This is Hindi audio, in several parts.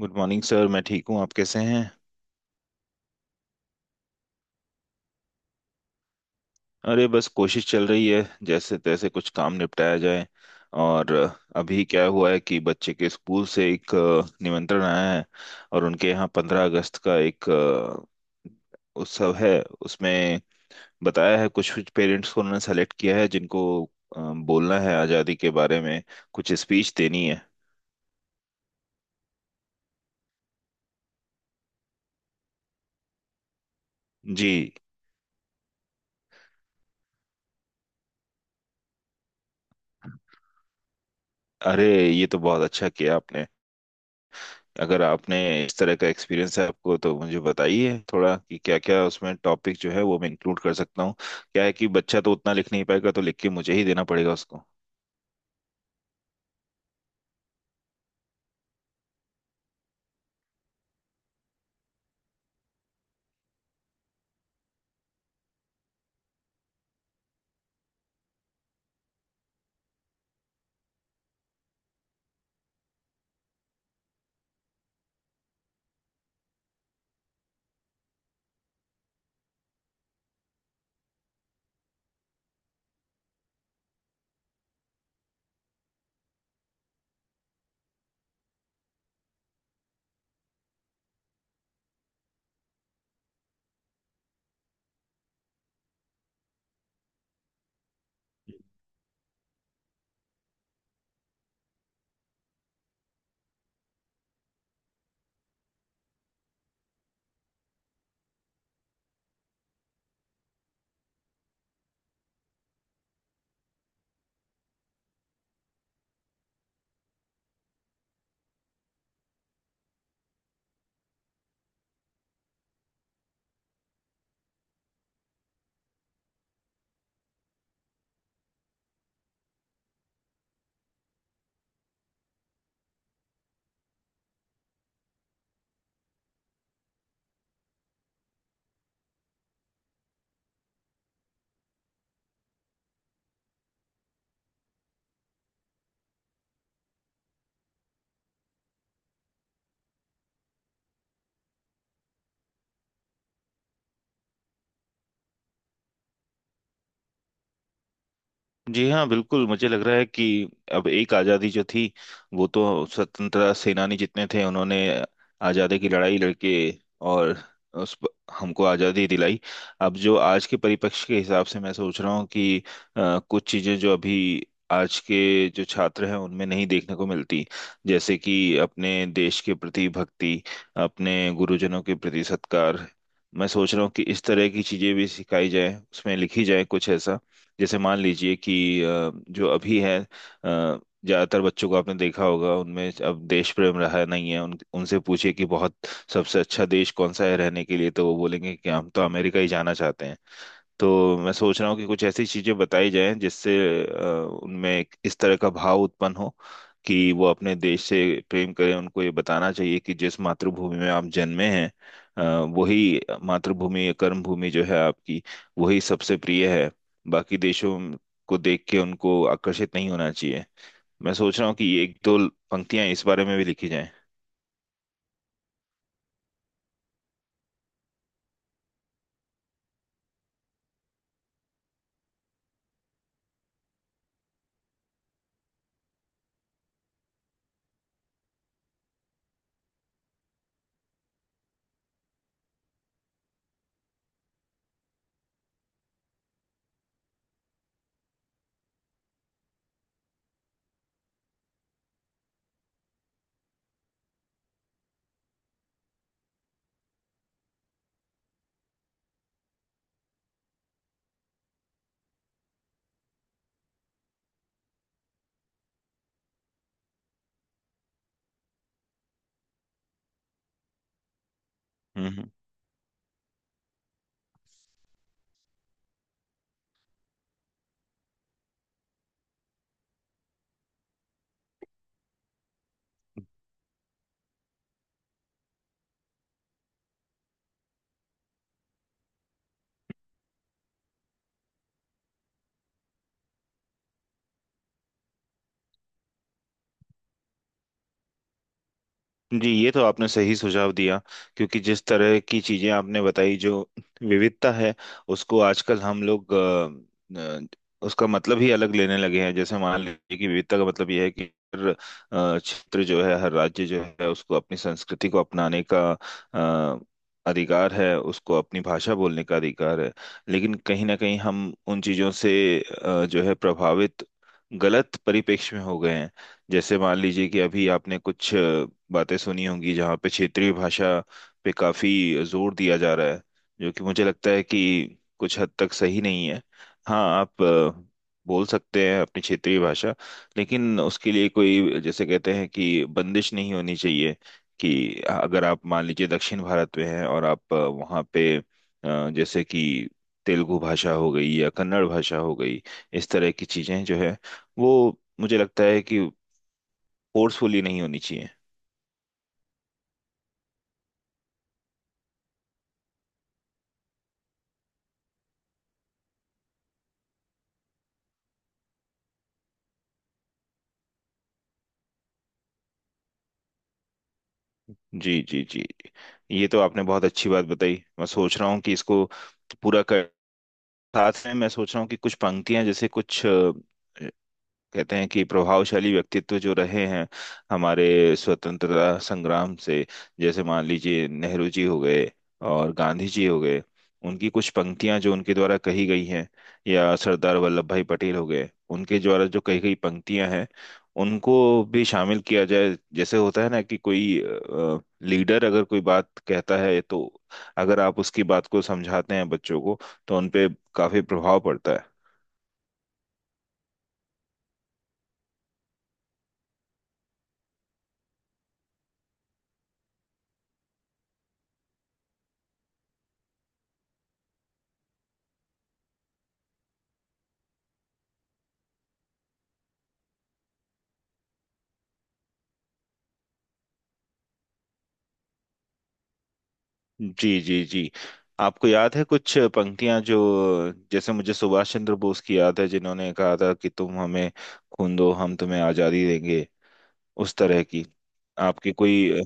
Good morning sir. मैं ठीक हूँ। आप कैसे हैं? अरे बस कोशिश चल रही है, जैसे तैसे कुछ काम निपटाया जाए। और अभी क्या हुआ है कि बच्चे के स्कूल से एक निमंत्रण आया है। और उनके यहाँ 15 अगस्त का एक उत्सव है। उसमें बताया है कुछ कुछ पेरेंट्स को उन्होंने सेलेक्ट किया है जिनको अ, बोलना है आज़ादी के बारे में। कुछ स्पीच देनी है। जी। अरे, ये तो बहुत अच्छा किया आपने। अगर आपने इस तरह का एक्सपीरियंस है आपको तो मुझे बताइए थोड़ा कि क्या क्या उसमें टॉपिक जो है वो मैं इंक्लूड कर सकता हूँ। क्या है कि बच्चा तो उतना लिख नहीं पाएगा तो लिख के मुझे ही देना पड़ेगा उसको। जी हाँ, बिल्कुल। मुझे लग रहा है कि अब एक आज़ादी जो थी वो तो स्वतंत्रता सेनानी जितने थे उन्होंने आज़ादी की लड़ाई लड़के और उस हमको आज़ादी दिलाई। अब जो आज के परिप्रेक्ष्य के हिसाब से मैं सोच रहा हूँ कि कुछ चीज़ें जो अभी आज के जो छात्र हैं उनमें नहीं देखने को मिलती। जैसे कि अपने देश के प्रति भक्ति, अपने गुरुजनों के प्रति सत्कार। मैं सोच रहा हूँ कि इस तरह की चीज़ें भी सिखाई जाएं, उसमें लिखी जाए कुछ ऐसा। जैसे मान लीजिए कि जो अभी है ज्यादातर बच्चों को आपने देखा होगा उनमें अब देश प्रेम रहा नहीं है। उन उनसे पूछिए कि बहुत सबसे अच्छा देश कौन सा है रहने के लिए, तो वो बोलेंगे कि हम तो अमेरिका ही जाना चाहते हैं। तो मैं सोच रहा हूँ कि कुछ ऐसी चीजें बताई जाएं जिससे अ, उनमें एक इस तरह का भाव उत्पन्न हो कि वो अपने देश से प्रेम करें। उनको ये बताना चाहिए कि जिस मातृभूमि में आप जन्मे हैं अ, वही मातृभूमि कर्म भूमि जो है आपकी, वही सबसे प्रिय है। बाकी देशों को देख के उनको आकर्षित नहीं होना चाहिए। मैं सोच रहा हूँ कि ये एक दो पंक्तियां इस बारे में भी लिखी जाएं। हम्म हम्म। जी, ये तो आपने सही सुझाव दिया। क्योंकि जिस तरह की चीजें आपने बताई, जो विविधता है उसको आजकल हम लोग उसका मतलब ही अलग लेने लगे हैं। जैसे मान लीजिए कि विविधता का मतलब यह है कि हर क्षेत्र जो है हर राज्य जो है उसको अपनी संस्कृति को अपनाने का अ, अधिकार है, उसको अपनी भाषा बोलने का अधिकार है। लेकिन कहीं ना कहीं हम उन चीजों से जो है प्रभावित, गलत परिपेक्ष में हो गए हैं। जैसे मान लीजिए कि अभी आपने कुछ बातें सुनी होंगी जहाँ पे क्षेत्रीय भाषा पे काफी जोर दिया जा रहा है, जो कि मुझे लगता है कि कुछ हद तक सही नहीं है। हाँ, आप बोल सकते हैं अपनी क्षेत्रीय भाषा, लेकिन उसके लिए कोई, जैसे कहते हैं कि, बंदिश नहीं होनी चाहिए। कि अगर आप मान लीजिए दक्षिण भारत में हैं और आप वहाँ पे जैसे कि तेलुगु भाषा हो गई या कन्नड़ भाषा हो गई, इस तरह की चीजें जो है वो मुझे लगता है कि फोर्सफुली नहीं होनी चाहिए। जी जी जी। जी, ये तो आपने बहुत अच्छी बात बताई। मैं सोच रहा हूँ कि इसको पूरा कर साथ में मैं सोच रहा हूँ कि कुछ पंक्तियां, जैसे कुछ कहते हैं कि प्रभावशाली व्यक्तित्व जो रहे हैं हमारे स्वतंत्रता संग्राम से। जैसे मान लीजिए नेहरू जी हो गए और गांधी जी हो गए, उनकी कुछ पंक्तियां जो उनके द्वारा कही गई हैं, या सरदार वल्लभ भाई पटेल हो गए, उनके द्वारा जो कही गई पंक्तियां हैं, उनको भी शामिल किया जाए। जैसे होता है ना कि कोई लीडर अगर कोई बात कहता है तो अगर आप उसकी बात को समझाते हैं बच्चों को, तो उनपे काफी प्रभाव पड़ता है। जी जी जी। आपको याद है कुछ पंक्तियां जो, जैसे मुझे सुभाष चंद्र बोस की याद है, जिन्होंने कहा था कि तुम हमें खून दो हम तुम्हें आजादी देंगे। उस तरह की आपकी कोई?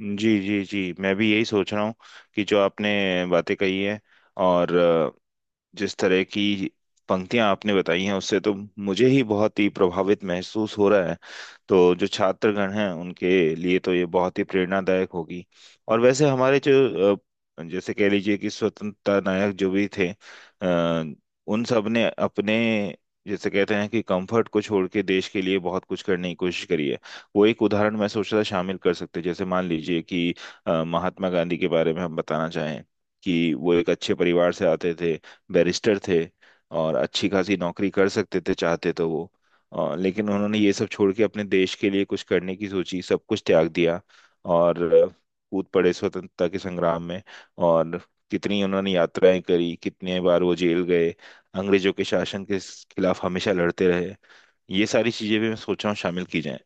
जी जी जी। मैं भी यही सोच रहा हूँ कि जो आपने बातें कही हैं और जिस तरह की पंक्तियां आपने बताई हैं, उससे तो मुझे ही बहुत ही प्रभावित महसूस हो रहा है। तो जो छात्रगण हैं उनके लिए तो ये बहुत ही प्रेरणादायक होगी। और वैसे हमारे जो जैसे कह लीजिए कि स्वतंत्रता नायक जो भी थे अ, उन सब ने अपने, जैसे कहते हैं कि, कंफर्ट को छोड़ के देश के लिए बहुत कुछ करने की कोशिश करी है। वो एक उदाहरण मैं सोच रहा था शामिल कर सकते हैं। जैसे मान लीजिए कि महात्मा गांधी के बारे में हम बताना चाहें कि वो एक अच्छे परिवार से आते थे, बैरिस्टर थे और अच्छी खासी नौकरी कर सकते थे चाहते तो वो, लेकिन उन्होंने ये सब छोड़ के अपने देश के लिए कुछ करने की सोची, सब कुछ त्याग दिया। और कूद पड़े स्वतंत्रता के संग्राम में। और कितनी उन्होंने यात्राएं करी, कितने बार वो जेल गए, अंग्रेजों के शासन के खिलाफ हमेशा लड़ते रहे। ये सारी चीजें भी मैं सोच रहा हूँ शामिल की जाएं।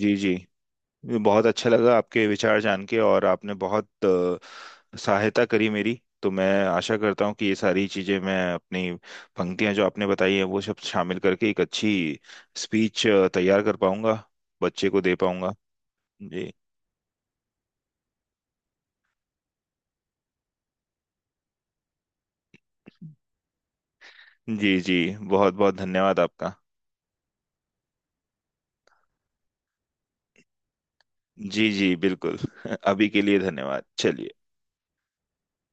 जी जी। ये बहुत अच्छा लगा आपके विचार जान के। और आपने बहुत सहायता करी मेरी, तो मैं आशा करता हूँ कि ये सारी चीज़ें, मैं अपनी पंक्तियाँ जो आपने बताई हैं वो सब शामिल करके एक अच्छी स्पीच तैयार कर पाऊंगा, बच्चे को दे पाऊंगा। जी जी जी। बहुत बहुत धन्यवाद आपका। जी जी, बिल्कुल। अभी के लिए धन्यवाद। चलिए।